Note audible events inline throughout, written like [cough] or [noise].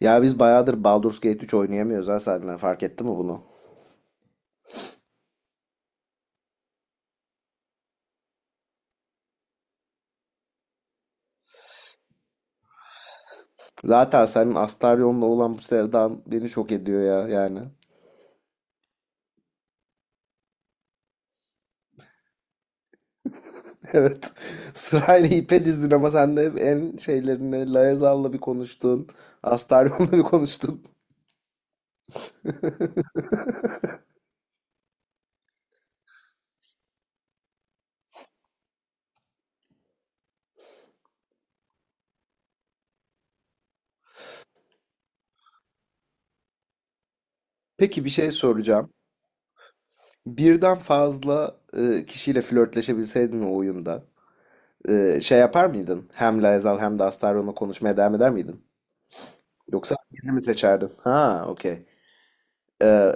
Ya biz bayağıdır Baldur's Gate 3 oynayamıyoruz, ha, seninle fark etti mi bunu? Zaten senin Astarion'la olan bu sevdan beni şok ediyor ya yani. [laughs] Evet. Sırayla ipe dizdin ama sen de hep en şeylerini Laezal'la bir konuştun. Astarion'la bir konuştun. Peki, bir şey soracağım. Birden fazla kişiyle flörtleşebilseydin o oyunda, şey yapar mıydın? Hem Laezal hem de Astarion'la konuşmaya devam eder miydin? Yoksa birini mi seçerdin? Ha, okey.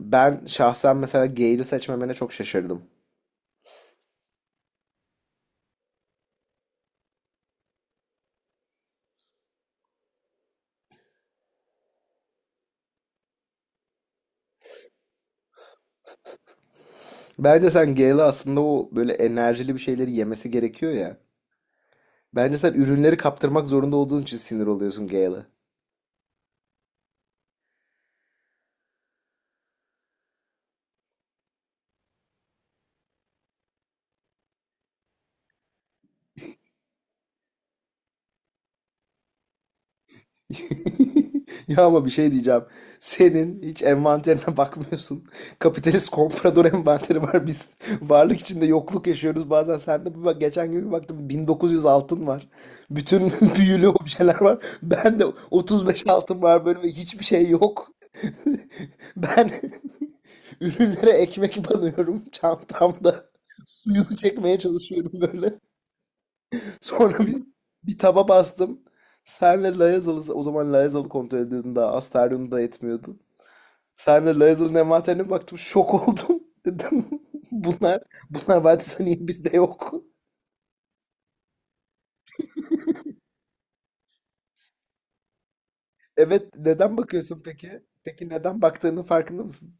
Ben şahsen mesela Gale'i seçmemene çok şaşırdım. Bence sen Gale'a aslında, o böyle enerjili bir şeyleri yemesi gerekiyor ya. Bence sen ürünleri kaptırmak zorunda olduğun için sinir oluyorsun Gale'a. [laughs] Ya ama bir şey diyeceğim. Senin hiç envanterine [laughs] bakmıyorsun. Kapitalist komprador envanteri var. Biz varlık içinde yokluk yaşıyoruz. Bazen sen de bir bak, geçen gün bir baktım 1900 altın var. Bütün [laughs] büyülü objeler var. Ben de 35 altın var böyle ve hiçbir şey yok. [laughs] Ben [laughs] ürünlere ekmek banıyorum çantamda. Suyunu çekmeye çalışıyorum böyle. Sonra bir taba bastım. Senle Layazalı, o zaman Layazalı kontrol ediyordum daha. Astarion'u da etmiyordum. Senle Layazalı'nın envanterine baktım. Şok oldum. [laughs] Dedim, bunlar, bunlar vardıysa niye bizde yok? Evet, neden bakıyorsun peki? Peki, neden baktığının farkında mısın?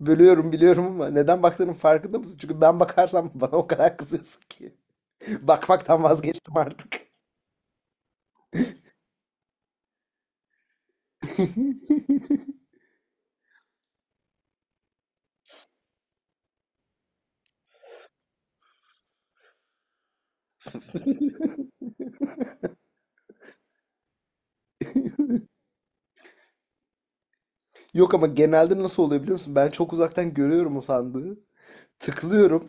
Bölüyorum, biliyorum, ama neden baktığının farkında mısın? Çünkü ben bakarsam bana o kadar kızıyorsun ki. [laughs] Bakmaktan vazgeçtim artık. [laughs] Yok, ama genelde nasıl oluyor biliyor musun? Ben çok uzaktan görüyorum o sandığı. Tıklıyorum.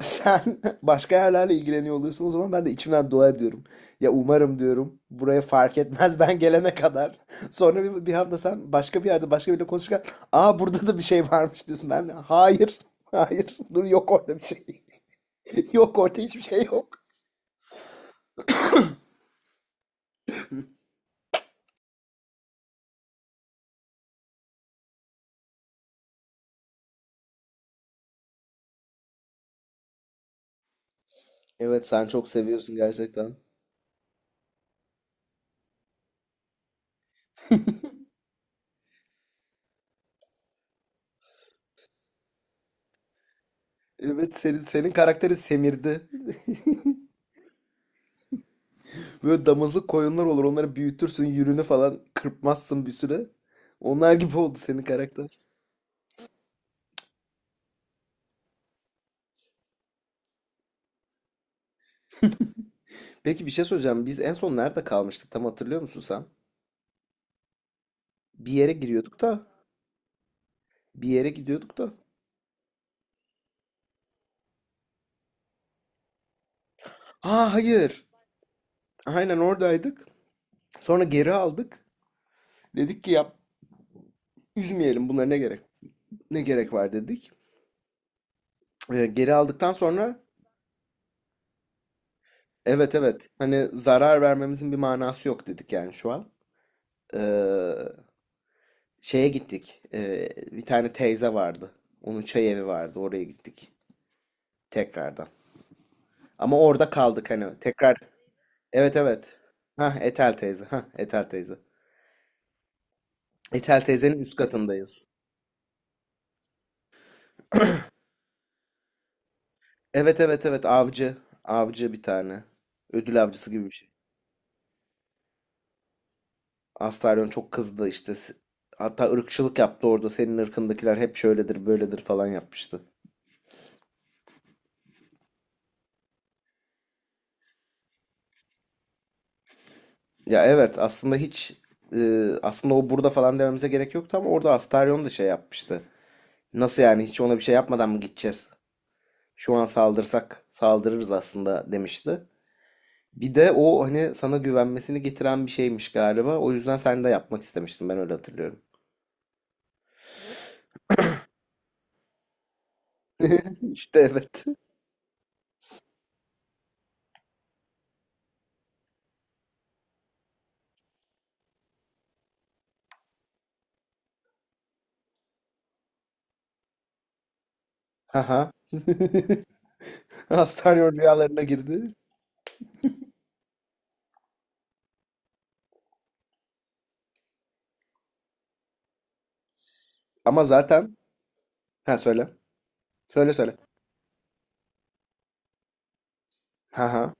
Sen [laughs] başka yerlerle ilgileniyor oluyorsun, o zaman ben de içimden dua ediyorum. Ya umarım diyorum buraya fark etmez ben gelene kadar. [laughs] Sonra bir anda sen başka bir yerde başka biriyle konuşurken, aa, burada da bir şey varmış diyorsun. Ben de hayır [laughs] hayır, dur, yok orada bir şey. [laughs] Yok, orada hiçbir şey yok. Evet, sen çok seviyorsun gerçekten. Evet, senin karakteri semirdi. [laughs] Böyle damızlık koyunlar olur, onları büyütürsün, yürünü falan kırpmazsın bir süre. Onlar gibi oldu senin karakter. Peki, bir şey söyleyeceğim. Biz en son nerede kalmıştık? Tam hatırlıyor musun sen? Bir yere giriyorduk da, bir yere gidiyorduk da. Aa, hayır. Aynen oradaydık. Sonra geri aldık. Dedik ki, yap, üzmeyelim, bunlara ne gerek? Ne gerek var dedik. Geri aldıktan sonra, evet, evet. Hani zarar vermemizin bir manası yok dedik yani şu an. Ee, Şeye gittik. Bir tane teyze vardı. Onun çay evi vardı. Oraya gittik tekrardan. Ama orada kaldık hani tekrar. Evet, evet. Ha, Etel teyze. Ha, Etel teyze. Etel teyzenin üst katındayız. Evet, evet, evet, avcı. Avcı bir tane. Ödül avcısı gibi bir şey. Astaryon çok kızdı işte. Hatta ırkçılık yaptı orada. Senin ırkındakiler hep şöyledir böyledir falan yapmıştı. Ya evet, aslında hiç aslında o burada falan dememize gerek yoktu, ama orada Astaryon da şey yapmıştı. Nasıl yani, hiç ona bir şey yapmadan mı gideceğiz? Şu an saldırsak saldırırız aslında demişti. Bir de o hani sana güvenmesini getiren bir şeymiş galiba. O yüzden sen de yapmak istemiştin. Ben öyle hatırlıyorum. [laughs] İşte evet. Haha. [laughs] Astaryon rüyalarına girdi. Ama zaten. Ha, söyle. Söyle söyle. Haha.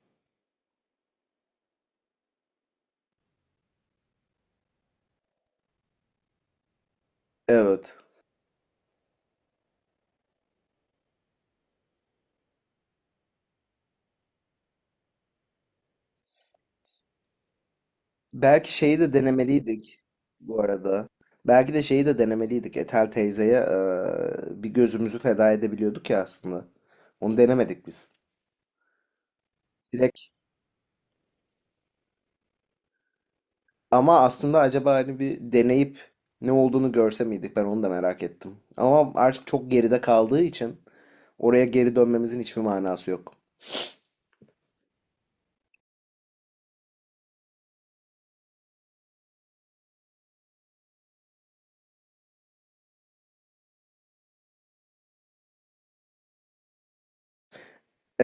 Evet. Belki şeyi de denemeliydik bu arada. Belki de şeyi de denemeliydik. Etel teyzeye bir gözümüzü feda edebiliyorduk ya aslında. Onu denemedik biz. Ama aslında acaba hani bir deneyip ne olduğunu görse miydik? Ben onu da merak ettim. Ama artık çok geride kaldığı için oraya geri dönmemizin hiçbir manası yok.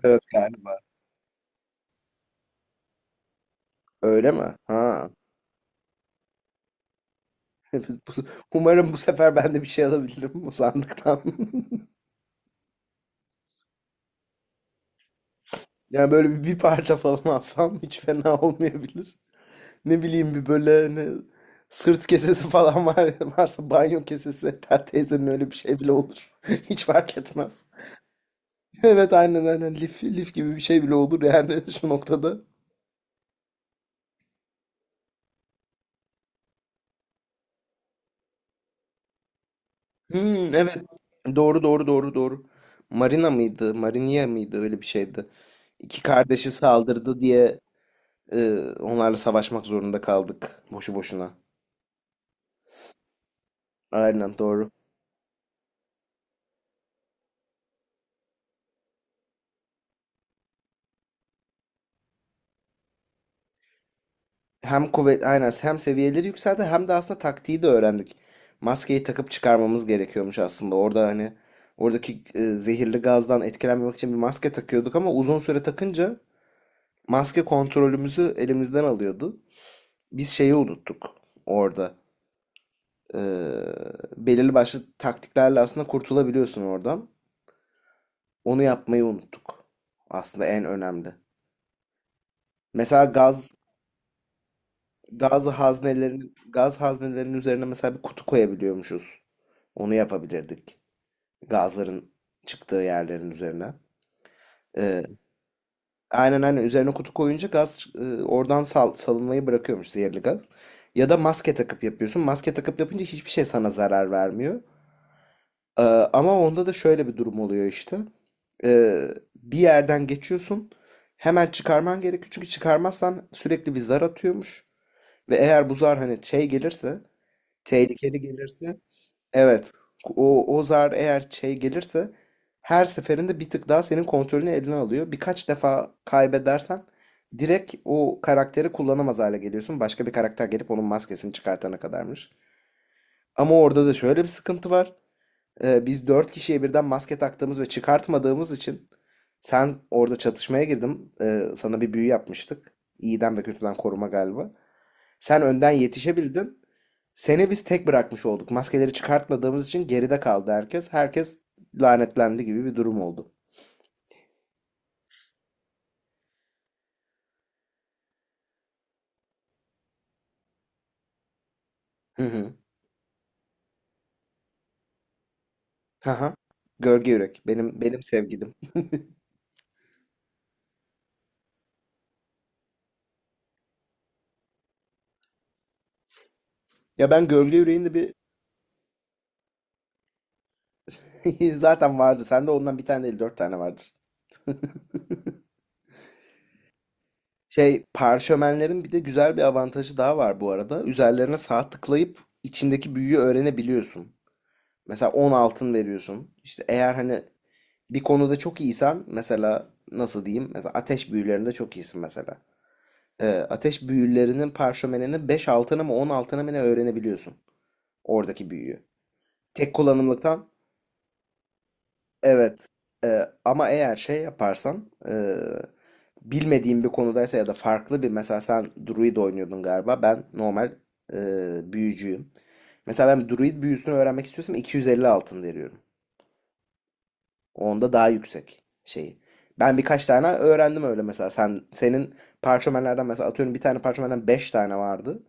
Evet galiba. Öyle mi? Ha. [laughs] Umarım bu sefer ben de bir şey alabilirim bu sandıktan. [laughs] Yani böyle bir parça falan alsam hiç fena olmayabilir. Ne bileyim, bir böyle ne, sırt kesesi falan var, varsa banyo kesesi. Hatta teyzenin öyle bir şey bile olur. [laughs] Hiç fark etmez. [laughs] Evet, aynen aynen, lif gibi bir şey bile olur yani [laughs] şu noktada. Hmm, evet, doğru doğru doğru doğru. Marina mıydı? Marinia mıydı? Öyle bir şeydi. İki kardeşi saldırdı diye onlarla savaşmak zorunda kaldık boşu boşuna. Aynen doğru. Hem kuvvet aynen, hem seviyeleri yükseldi, hem de aslında taktiği de öğrendik. Maskeyi takıp çıkarmamız gerekiyormuş aslında. Orada hani oradaki zehirli gazdan etkilenmemek için bir maske takıyorduk, ama uzun süre takınca maske kontrolümüzü elimizden alıyordu. Biz şeyi unuttuk orada. Ee, Belirli başlı taktiklerle aslında kurtulabiliyorsun oradan. Onu yapmayı unuttuk. Aslında en önemli. Mesela gaz haznelerinin üzerine mesela bir kutu koyabiliyormuşuz. Onu yapabilirdik. Gazların çıktığı yerlerin üzerine. Ee, Aynen aynen, üzerine kutu koyunca gaz, oradan salınmayı bırakıyormuş zehirli gaz. Ya da maske takıp yapıyorsun. Maske takıp yapınca hiçbir şey sana zarar vermiyor. Ee, Ama onda da şöyle bir durum oluyor işte. Ee, Bir yerden geçiyorsun. Hemen çıkarman gerekiyor. Çünkü çıkarmazsan sürekli bir zar atıyormuş. Ve eğer bu zar hani şey gelirse, tehlikeli gelirse. Evet. O zar eğer şey gelirse, her seferinde bir tık daha senin kontrolünü eline alıyor. Birkaç defa kaybedersen direkt o karakteri kullanamaz hale geliyorsun. Başka bir karakter gelip onun maskesini çıkartana kadarmış. Ama orada da şöyle bir sıkıntı var. Biz dört kişiye birden maske taktığımız ve çıkartmadığımız için sen orada çatışmaya girdim. Sana bir büyü yapmıştık. İyiden ve kötüden koruma galiba. Sen önden yetişebildin. Seni biz tek bırakmış olduk. Maskeleri çıkartmadığımız için geride kaldı herkes. Herkes lanetlendi gibi bir durum oldu. Hı hı. Haha. Gölge Yürek. Benim sevgilim. Ya ben Gölge Yürek'in de bir [laughs] zaten vardı. Sende ondan bir tane değil, dört tane vardır. [laughs] Şey parşömenlerin bir de güzel bir avantajı daha var bu arada. Üzerlerine sağ tıklayıp içindeki büyüyü öğrenebiliyorsun. Mesela 10 altın veriyorsun. İşte eğer hani bir konuda çok iyisen, mesela nasıl diyeyim? Mesela ateş büyülerinde çok iyisin mesela. Ateş büyülerinin parşömenini 5 altına mı 10 altına mı, ne, öğrenebiliyorsun. Oradaki büyüyü. Tek kullanımlıktan, evet. Ama eğer şey yaparsan, bilmediğin bir konudaysa ya da farklı bir, mesela sen druid oynuyordun galiba. Ben normal büyücüyüm. Mesela ben druid büyüsünü öğrenmek istiyorsam 250 altın veriyorum. Onda daha yüksek şeyi. Ben birkaç tane öğrendim öyle mesela. Sen senin parşömenlerden mesela, atıyorum, bir tane parşömenden 5 tane vardı.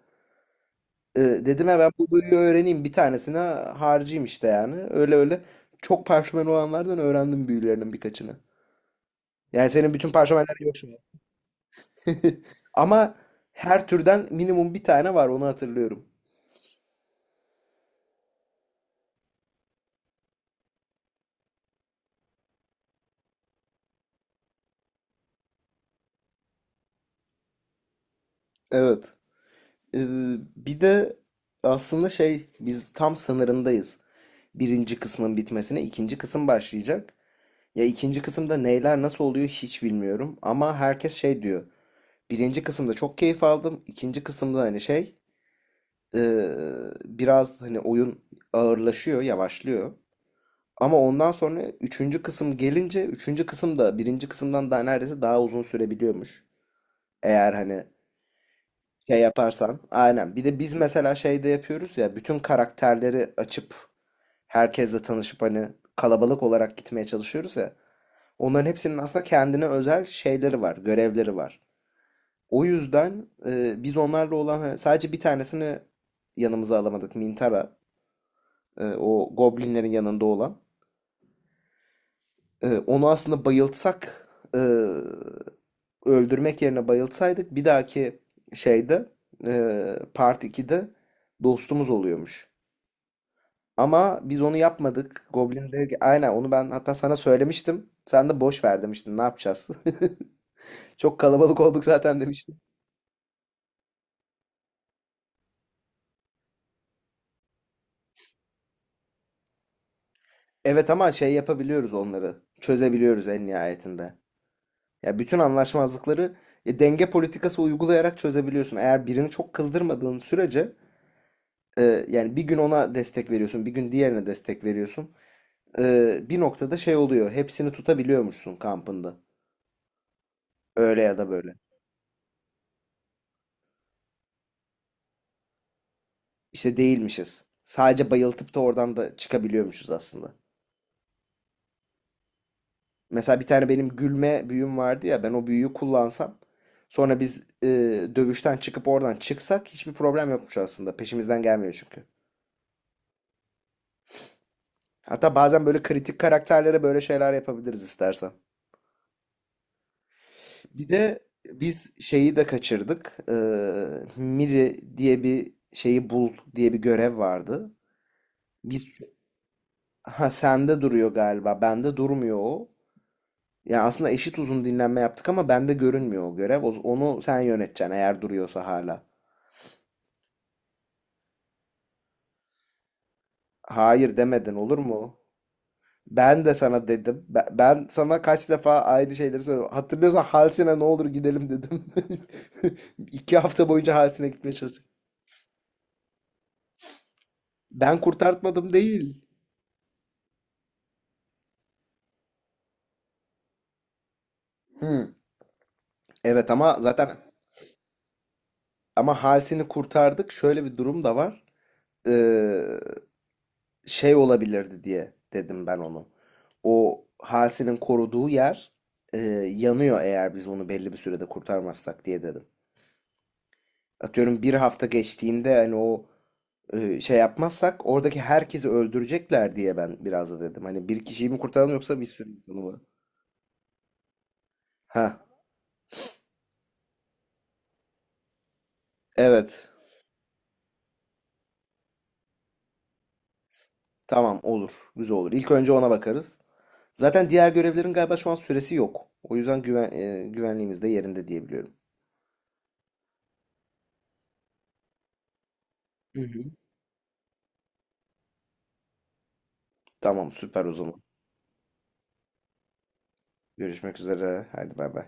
Ee, Dedim ya, ben bu boyu öğreneyim, bir tanesine harcayayım işte yani. Öyle öyle çok parşömen olanlardan öğrendim büyülerinin birkaçını. Yani senin bütün parşömenler yok şimdi. [laughs] Ama her türden minimum bir tane var, onu hatırlıyorum. Evet. Ee, Bir de aslında şey, biz tam sınırındayız. Birinci kısmın bitmesine, ikinci kısım başlayacak. Ya ikinci kısımda neyler nasıl oluyor hiç bilmiyorum. Ama herkes şey diyor. Birinci kısımda çok keyif aldım. İkinci kısımda hani şey, eee, biraz hani oyun ağırlaşıyor, yavaşlıyor. Ama ondan sonra üçüncü kısım gelince, üçüncü kısım da birinci kısımdan daha, neredeyse daha uzun sürebiliyormuş. Eğer hani şey yaparsan. Aynen. Bir de biz mesela şeyde yapıyoruz ya, bütün karakterleri açıp herkesle tanışıp hani kalabalık olarak gitmeye çalışıyoruz ya. Onların hepsinin aslında kendine özel şeyleri var, görevleri var. O yüzden biz onlarla olan hani, sadece bir tanesini yanımıza alamadık. Mintara, o goblinlerin yanında olan. Onu aslında bayıltsak, e, öldürmek yerine bayıltsaydık bir dahaki şeyde, Part 2'de dostumuz oluyormuş. Ama biz onu yapmadık. Goblinler. Aynen, onu ben hatta sana söylemiştim. Sen de boş ver demiştin. Ne yapacağız? [laughs] Çok kalabalık olduk zaten demiştin. Evet, ama şey yapabiliyoruz onları. Çözebiliyoruz en nihayetinde. Ya bütün anlaşmazlıkları denge politikası uygulayarak çözebiliyorsun. Eğer birini çok kızdırmadığın sürece, yani bir gün ona destek veriyorsun, bir gün diğerine destek veriyorsun. Bir noktada şey oluyor. Hepsini tutabiliyormuşsun kampında. Öyle ya da böyle. İşte değilmişiz. Sadece bayıltıp da oradan da çıkabiliyormuşuz aslında. Mesela bir tane benim gülme büyüm vardı ya, ben o büyüyü kullansam sonra biz, dövüşten çıkıp oradan çıksak hiçbir problem yokmuş aslında. Peşimizden gelmiyor çünkü. Hatta bazen böyle kritik karakterlere böyle şeyler yapabiliriz istersen. Bir de biz şeyi de kaçırdık. Miri diye bir şeyi bul diye bir görev vardı. Biz, ha, sende duruyor galiba. Bende durmuyor o. Yani aslında eşit uzun dinlenme yaptık ama bende görünmüyor o görev. Onu sen yöneteceksin eğer duruyorsa hala. Hayır, demedin, olur mu? Ben de sana dedim. Ben sana kaç defa aynı şeyleri söyledim. Hatırlıyorsan, Halsine, ne olur gidelim, dedim. [laughs] 2 hafta boyunca Halsine gitmeye çalıştık. Ben kurtartmadım değil. Hı. Evet, ama zaten, ama Halsin'i kurtardık. Şöyle bir durum da var. Ee, Şey olabilirdi diye dedim ben onu. O Halsin'in koruduğu yer, e, yanıyor eğer biz bunu belli bir sürede kurtarmazsak diye dedim. Atıyorum bir hafta geçtiğinde hani o, şey yapmazsak oradaki herkesi öldürecekler diye ben biraz da dedim. Hani bir kişiyi mi kurtaralım, yoksa bir sürü insanı mı? Ha, evet. Tamam, olur. Güzel olur. İlk önce ona bakarız. Zaten diğer görevlerin galiba şu an süresi yok. O yüzden güven, e, güvenliğimiz de yerinde diyebiliyorum. Hı hı. Tamam, süper o zaman. Görüşmek üzere. Hadi bay bay.